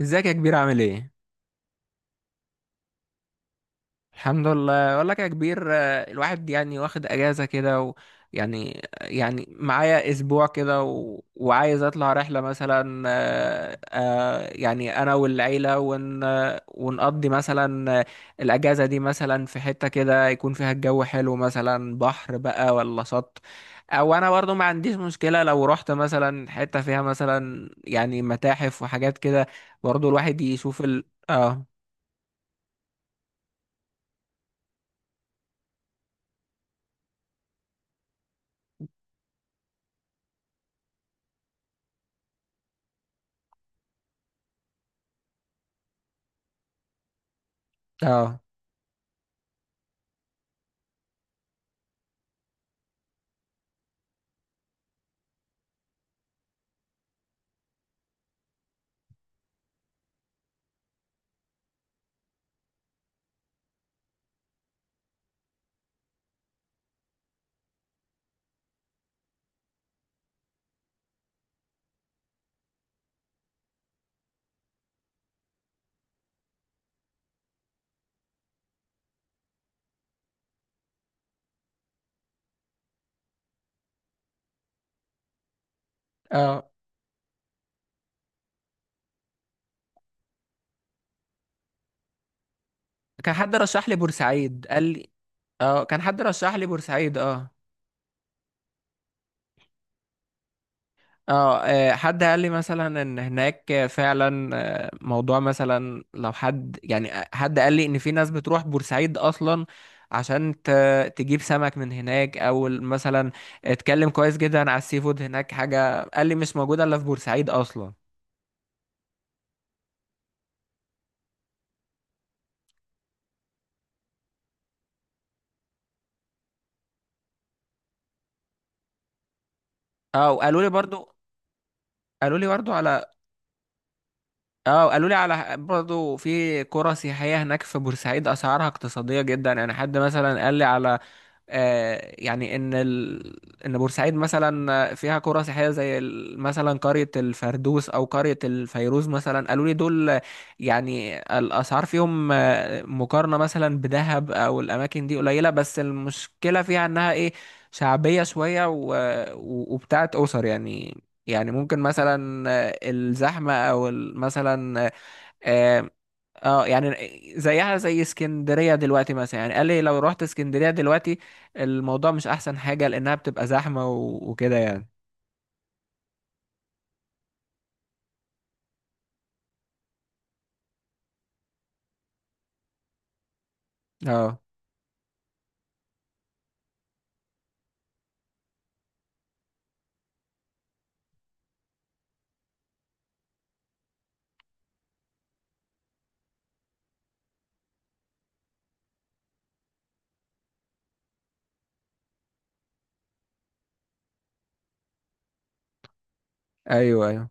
ازيك يا كبير؟ عامل ايه؟ الحمد لله. اقول لك يا كبير، الواحد يعني واخد اجازه كده و... يعني آه، يعني معايا اسبوع كده وعايز اطلع رحله مثلا، يعني انا والعيله ون... آه، ونقضي مثلا، الاجازه دي مثلا في حته كده يكون فيها الجو حلو، مثلا بحر بقى ولا شط، او انا برضو ما عنديش مشكله لو رحت مثلا حته فيها مثلا يعني متاحف وحاجات كده. برضو الواحد يشوف ال... اه اه اه كان حد رشح لي بورسعيد، قال لي. اه، كان حد رشح لي بورسعيد، اه. اه، حد قال لي مثلا ان هناك فعلا، موضوع مثلا لو حد يعني، حد قال لي ان في ناس بتروح بورسعيد اصلا عشان تجيب سمك من هناك، او مثلا اتكلم كويس جدا على السي فود هناك. حاجة قال لي مش موجودة الا في بورسعيد اصلا. اه، وقالوا لي برضو، قالوا لي برضو على، اه قالوا لي على برضه في قرى سياحية هناك في بورسعيد، أسعارها اقتصادية جدا. يعني حد مثلا قال لي على، يعني ان ان بورسعيد مثلا فيها قرى سياحيه زي مثلا قريه الفردوس او قريه الفيروز مثلا، قالوا لي دول يعني الاسعار فيهم، مقارنه مثلا بدهب او الاماكن دي، قليله. بس المشكله فيها انها ايه؟ شعبيه شويه وبتاعت اسر يعني. يعني ممكن مثلا، الزحمه او مثلا، آه، اه يعني زيها زي اسكندرية دلوقتي مثلا. يعني قال لي لو رحت اسكندرية دلوقتي الموضوع مش احسن حاجة، لانها بتبقى زحمة وكده يعني. اه، ايوه ايوه.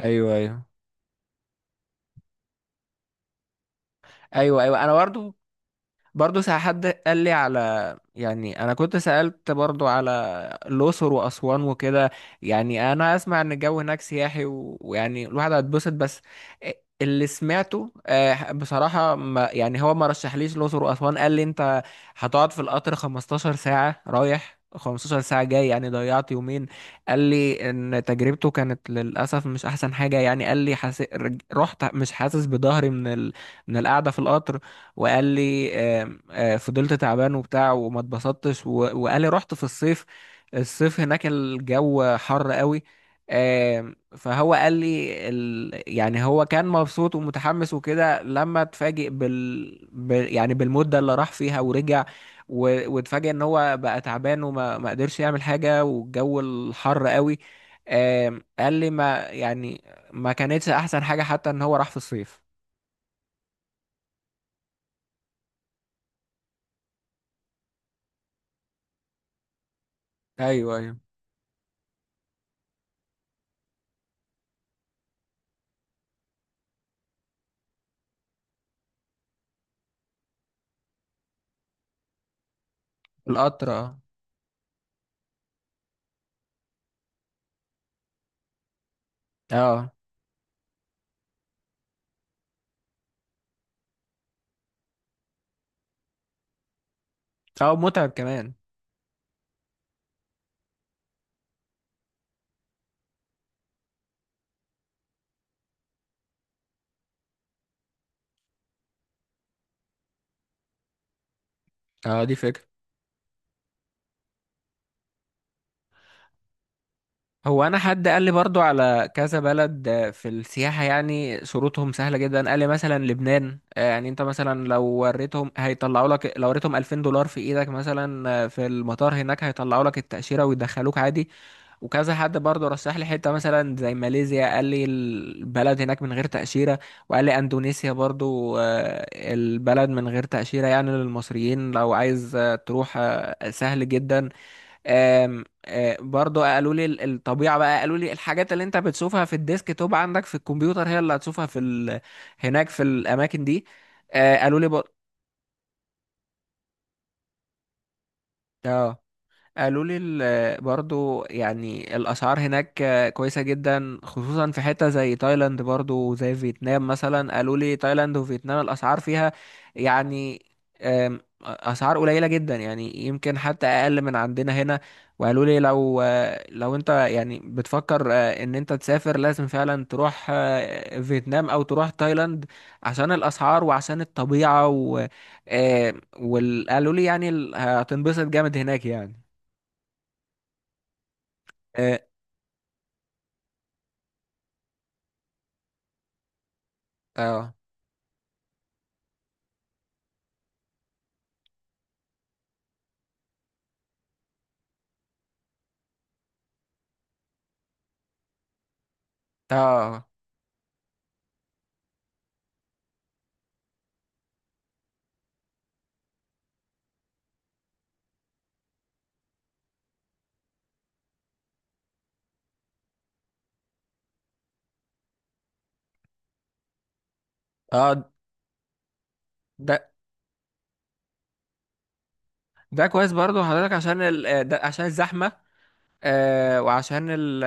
ايوه ايوه. ايوه ايوه، انا برضو برضه. ساعة حد قال لي على، يعني انا كنت سألت برضه على الأقصر وأسوان وكده. يعني انا اسمع ان الجو هناك سياحي ويعني الواحد هيتبسط. بس اللي سمعته، بصراحة، ما يعني هو ما رشحليش الأقصر وأسوان. قال لي انت هتقعد في القطر 15 ساعة رايح، 15 ساعة جاي، يعني ضيعت يومين. قال لي ان تجربته كانت للأسف مش احسن حاجة. يعني قال لي رحت مش حاسس بظهري من من القعدة في القطر. وقال لي، آم، آه، فضلت تعبان وبتاع وما اتبسطتش وقال لي رحت في الصيف. الصيف هناك الجو حر قوي. فهو قال لي يعني هو كان مبسوط ومتحمس وكده، لما اتفاجئ يعني بالمدة اللي راح فيها ورجع، واتفاجئ ان هو بقى تعبان وما ما قدرش يعمل حاجة، والجو الحر قوي. قال لي ما يعني ما كانتش احسن حاجة، حتى ان هو راح في الصيف. ايوه ايوه. القطر، اه. اه اه، متعب كمان. اه، دي فكرة. هو انا حد قال لي برضو على كذا بلد، في السياحة يعني شروطهم سهلة جدا. قال لي مثلا لبنان، يعني انت مثلا لو وريتهم هيطلعوا لك، لو وريتهم 2000 دولار في ايدك مثلا، في المطار هناك هيطلعوا لك التأشيرة ويدخلوك عادي. وكذا حد برضه رشح لي حته مثلا زي ماليزيا، قال لي البلد هناك من غير تأشيرة. وقال لي اندونيسيا برضه، البلد من غير تأشيرة، يعني للمصريين لو عايز، تروح، سهل جدا. آم، آه، برضو قالوا لي الطبيعة بقى. قالوا لي الحاجات اللي انت بتشوفها في الديسك توب عندك في الكمبيوتر هي اللي هتشوفها في هناك في الأماكن دي. قالوا لي اه قالوا لي برضو يعني الأسعار هناك كويسة جدا، خصوصا في حتة زي تايلاند، برضو زي فيتنام مثلا. قالوا لي تايلاند وفيتنام الأسعار فيها يعني، أسعار قليلة جدا، يعني يمكن حتى أقل من عندنا هنا. وقالوا لي لو أنت يعني بتفكر، إن أنت تسافر، لازم فعلا تروح، فيتنام أو تروح تايلاند، عشان الأسعار وعشان الطبيعة و آه، قالوا لي يعني هتنبسط جامد هناك يعني. إيه، اه. اه اه، ده ده كويس برضو حضرتك، عشان ال... آه، ده عشان الزحمة. آه وعشان ال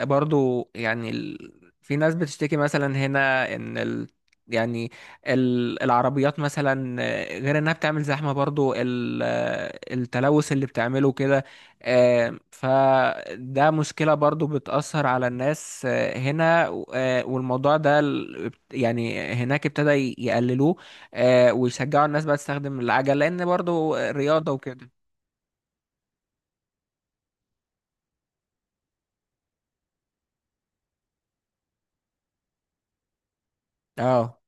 ال برضه يعني ال، في ناس بتشتكي مثلا هنا ان ال يعني ال العربيات مثلا، غير انها بتعمل زحمة، برضو ال التلوث اللي بتعمله كده، فده مشكلة برضو بتأثر على الناس، هنا. والموضوع ده يعني هناك ابتدى يقللوه، ويشجعوا الناس بقى تستخدم العجل، لان برضو رياضة وكده. اه،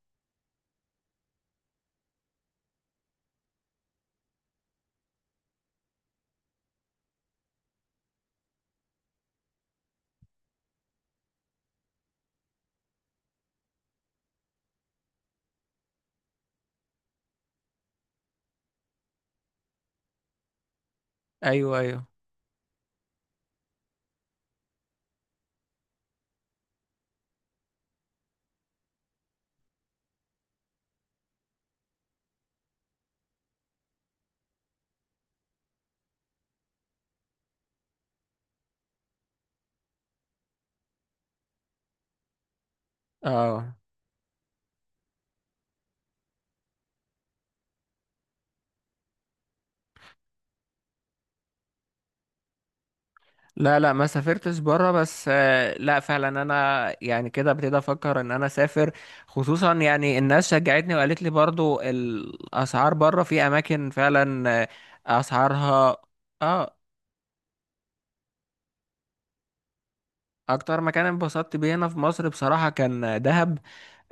ايوه ايوه. اه، لا لا ما سافرتش بره. بس لا فعلا انا يعني كده ابتدي افكر ان انا اسافر، خصوصا يعني الناس شجعتني وقالت لي برضو الاسعار بره في اماكن فعلا، اسعارها. اه، اكتر مكان انبسطت بيه هنا في مصر بصراحة كان دهب.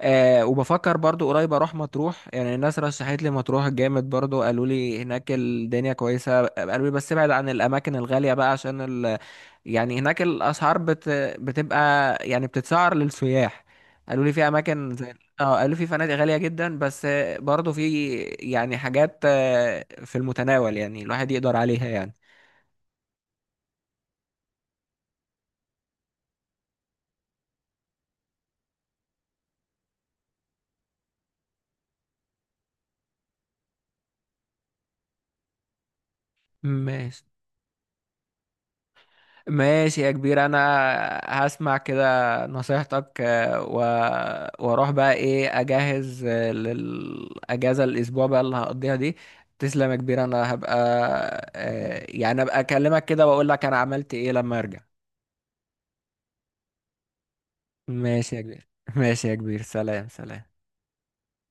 أه، وبفكر برضو قريب اروح مطروح. يعني الناس رشحت لي مطروح جامد برضو. قالوا لي هناك الدنيا كويسة. قالوا لي بس ابعد عن الاماكن الغالية بقى، عشان يعني هناك الاسعار بتبقى يعني بتتسعر للسياح. قالوا لي في اماكن زي، اه، قالوا في فنادق غالية جدا، بس برضو في يعني حاجات، في المتناول، يعني الواحد يقدر عليها يعني. ماشي. ماشي يا كبير، انا هسمع كده نصيحتك، واروح بقى ايه اجهز، للاجازه الاسبوع بقى اللي هقضيها دي. تسلم يا كبير. انا هبقى، يعني ابقى اكلمك كده واقول لك انا عملت ايه لما ارجع. ماشي يا كبير. ماشي يا كبير، سلام سلام.